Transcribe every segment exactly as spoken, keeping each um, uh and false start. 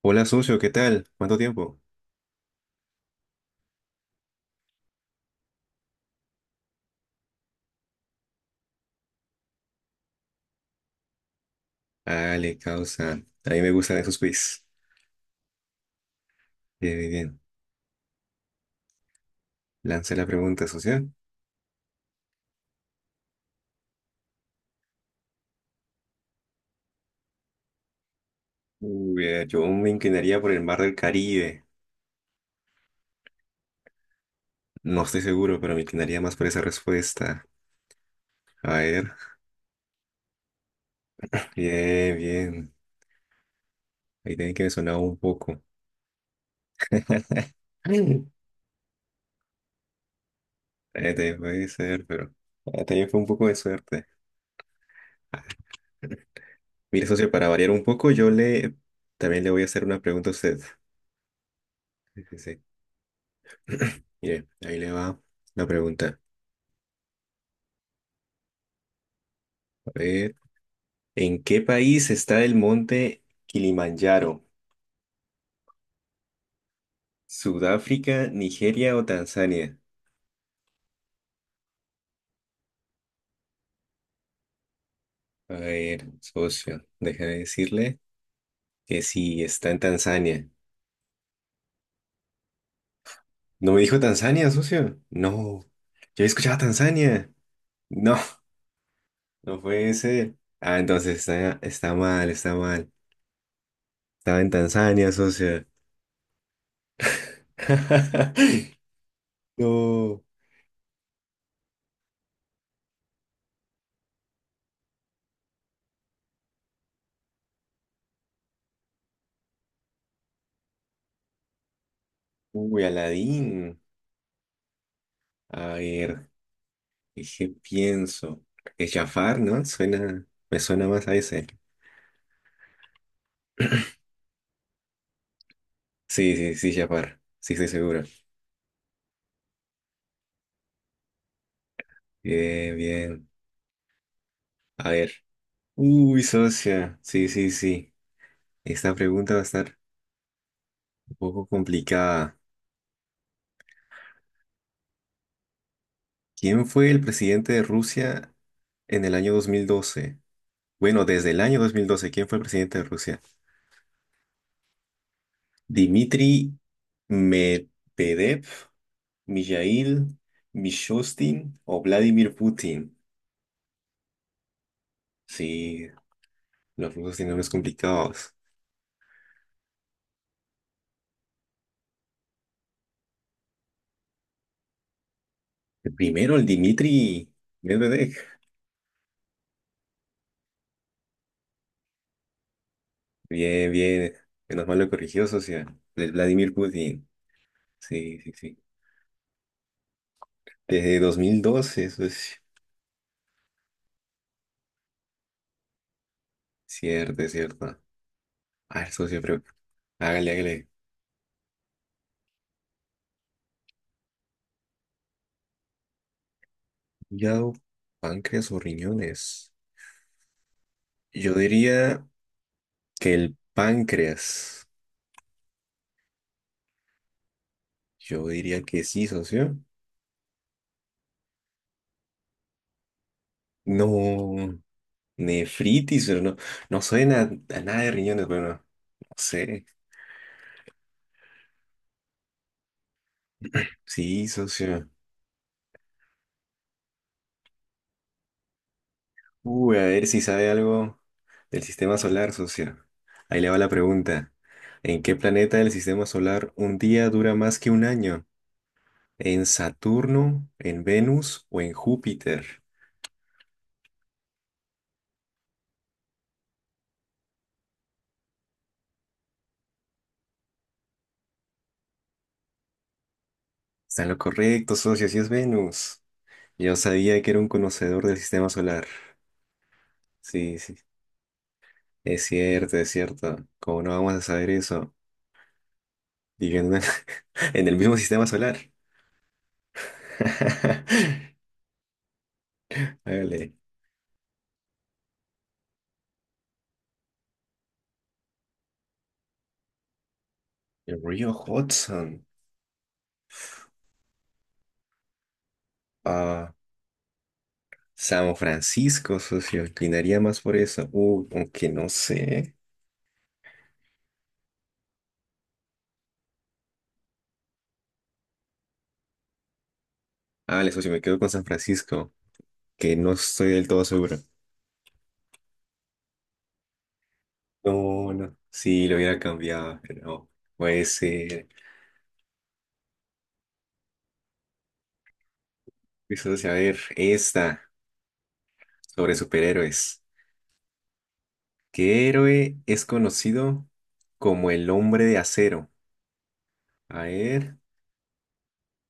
Hola, socio, ¿qué tal? ¿Cuánto tiempo? Ale, causa. A mí me gustan esos quiz. Bien, bien, bien. Lanza la pregunta, socio. Uy, eh, yo me inclinaría por el mar del Caribe. No estoy seguro, pero me inclinaría más por esa respuesta. A ver. Bien, bien. Ahí tiene que me sonaba un poco. Ay. Eh, te puede ser, pero eh, también fue un poco de suerte. Mire, socio, para variar un poco, yo le también le voy a hacer una pregunta a usted. Sí, sí, sí. Mire, ahí le va la pregunta. A ver. ¿En qué país está el monte Kilimanjaro? ¿Sudáfrica, Nigeria o Tanzania? A ver, socio, déjame decirle que sí, está en Tanzania. ¿No me dijo Tanzania, socio? No, yo escuchaba Tanzania. No, no puede ser. Ah, entonces está, está mal, está mal. Estaba en Tanzania, socio. No. Uy, Aladín. A ver. Dije, pienso. Es Jafar, ¿no? Suena, me suena más a ese. Sí, sí, sí, Jafar. Sí, estoy seguro. Bien, bien. A ver. Uy, socia. Sí, sí, sí. Esta pregunta va a estar un poco complicada. ¿Quién fue el presidente de Rusia en el año dos mil doce? Bueno, desde el año dos mil doce, ¿quién fue el presidente de Rusia? ¿Dmitry Medvedev, Mijail Mishustin o Vladimir Putin? Sí, los rusos tienen nombres complicados. El primero, el Dmitri Medvedev. Bien, bien. Menos mal lo corrigió, socia. El Vladimir Putin. Sí, sí, sí. Desde dos mil doce, eso es cierto, es cierto. A ver, socio, pero hágale, hágale. Hígado, páncreas o riñones. Yo diría que el páncreas. Yo diría que sí, socio. No, nefritis, pero no, no suena a nada de riñones, bueno, no sé. Sí, socio. Uy, a ver si sabe algo del sistema solar, socio. Ahí le va la pregunta. ¿En qué planeta del sistema solar un día dura más que un año? ¿En Saturno, en Venus o en Júpiter? Está en lo correcto, socio, si es Venus. Yo sabía que era un conocedor del sistema solar. Sí, sí. Es cierto, es cierto. ¿Cómo no vamos a saber eso? Viviendo en en el mismo sistema solar. Hágale. El río Hudson. Ah, San Francisco, socio, inclinaría más por eso. Uh, aunque no sé. Ah, vale, socio, me quedo con San Francisco, que no estoy del todo seguro. No, no. Sí, lo hubiera cambiado, pero no. Puede ser. Pues socio, a ver, esta, sobre superhéroes. ¿Qué héroe es conocido como el hombre de acero? A ver,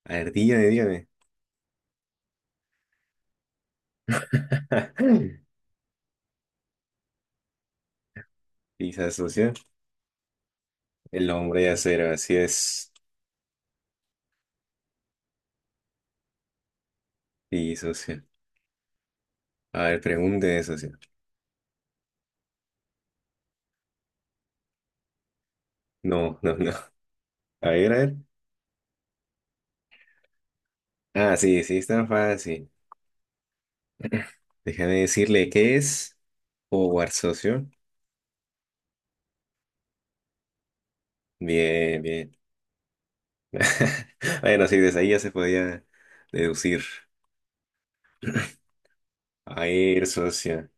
a ver, dígame, dígame. Sí, socio. El hombre de acero, así es. Sí, socio. A ver, pregunte, socio. No, no, no. A ver, a ver. Ah, sí, sí, está fácil. Déjame decirle qué es Howard, socio. Bien, bien. Bueno, sí, desde ahí ya se podía deducir. A ver, socio.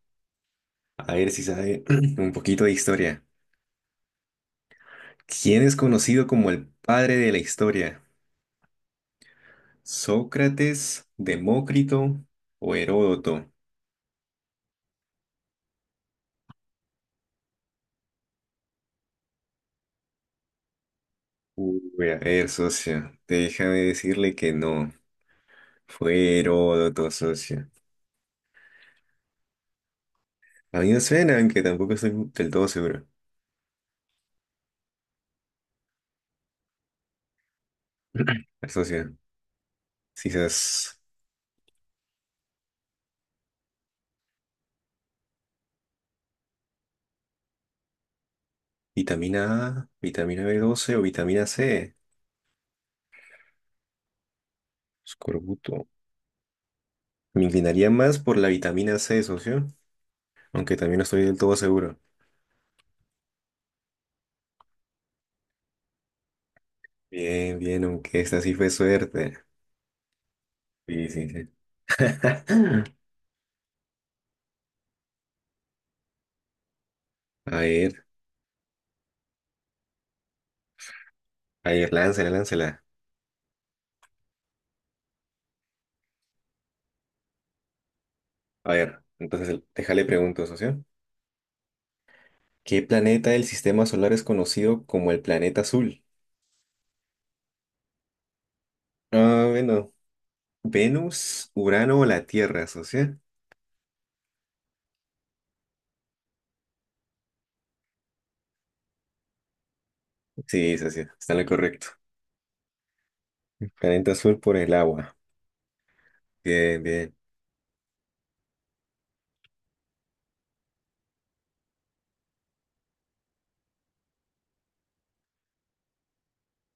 A ver si sabe un poquito de historia. ¿Quién es conocido como el padre de la historia? ¿Sócrates, Demócrito o Heródoto? Uy, a ver, socio. Déjame decirle que no. Fue Heródoto, socio. A mí me suena, aunque tampoco estoy del todo seguro. Asocia. Quizás vitamina A, vitamina b doce o vitamina C. Escorbuto. Me inclinaría más por la vitamina C, socio. Aunque también no estoy del todo seguro. Bien, bien, aunque esta sí fue suerte. Sí, sí, sí. A ver, a ver, láncela, láncela. A ver, entonces déjale pregunto, socio. ¿Qué planeta del sistema solar es conocido como el planeta azul? Ah, bueno, Venus, Urano o la Tierra, socia. Sí, socia, está en lo correcto. Planeta azul por el agua. Bien, bien.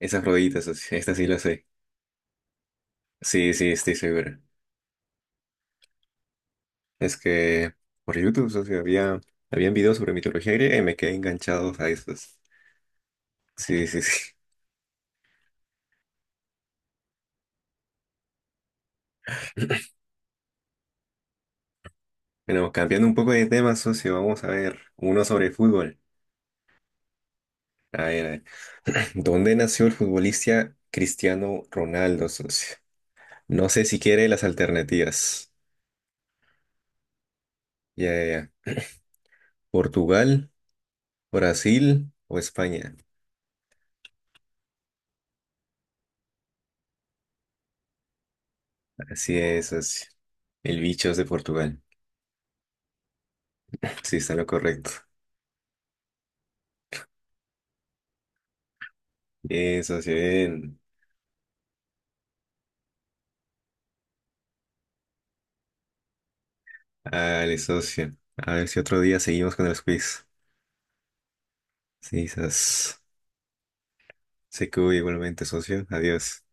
Esas rodillitas, socia, esta sí la sé. Sí, sí, estoy seguro. Es que por YouTube, socia, había, habían videos sobre mitología griega y me quedé enganchado a esos. Sí, sí, sí. Bueno, cambiando un poco de tema, socio, vamos a ver uno sobre fútbol. A ver, a ver. ¿Dónde nació el futbolista Cristiano Ronaldo, socio? No sé si quiere las alternativas. Ya, ya, ya. ¿Portugal? Brasil o España. Así es, socio. El bicho es de Portugal. Sí, está en lo correcto. Bien, socio, bien. Dale, socio. A ver si otro día seguimos con los quiz. Sí, sas. Se cuida igualmente, socio. Adiós.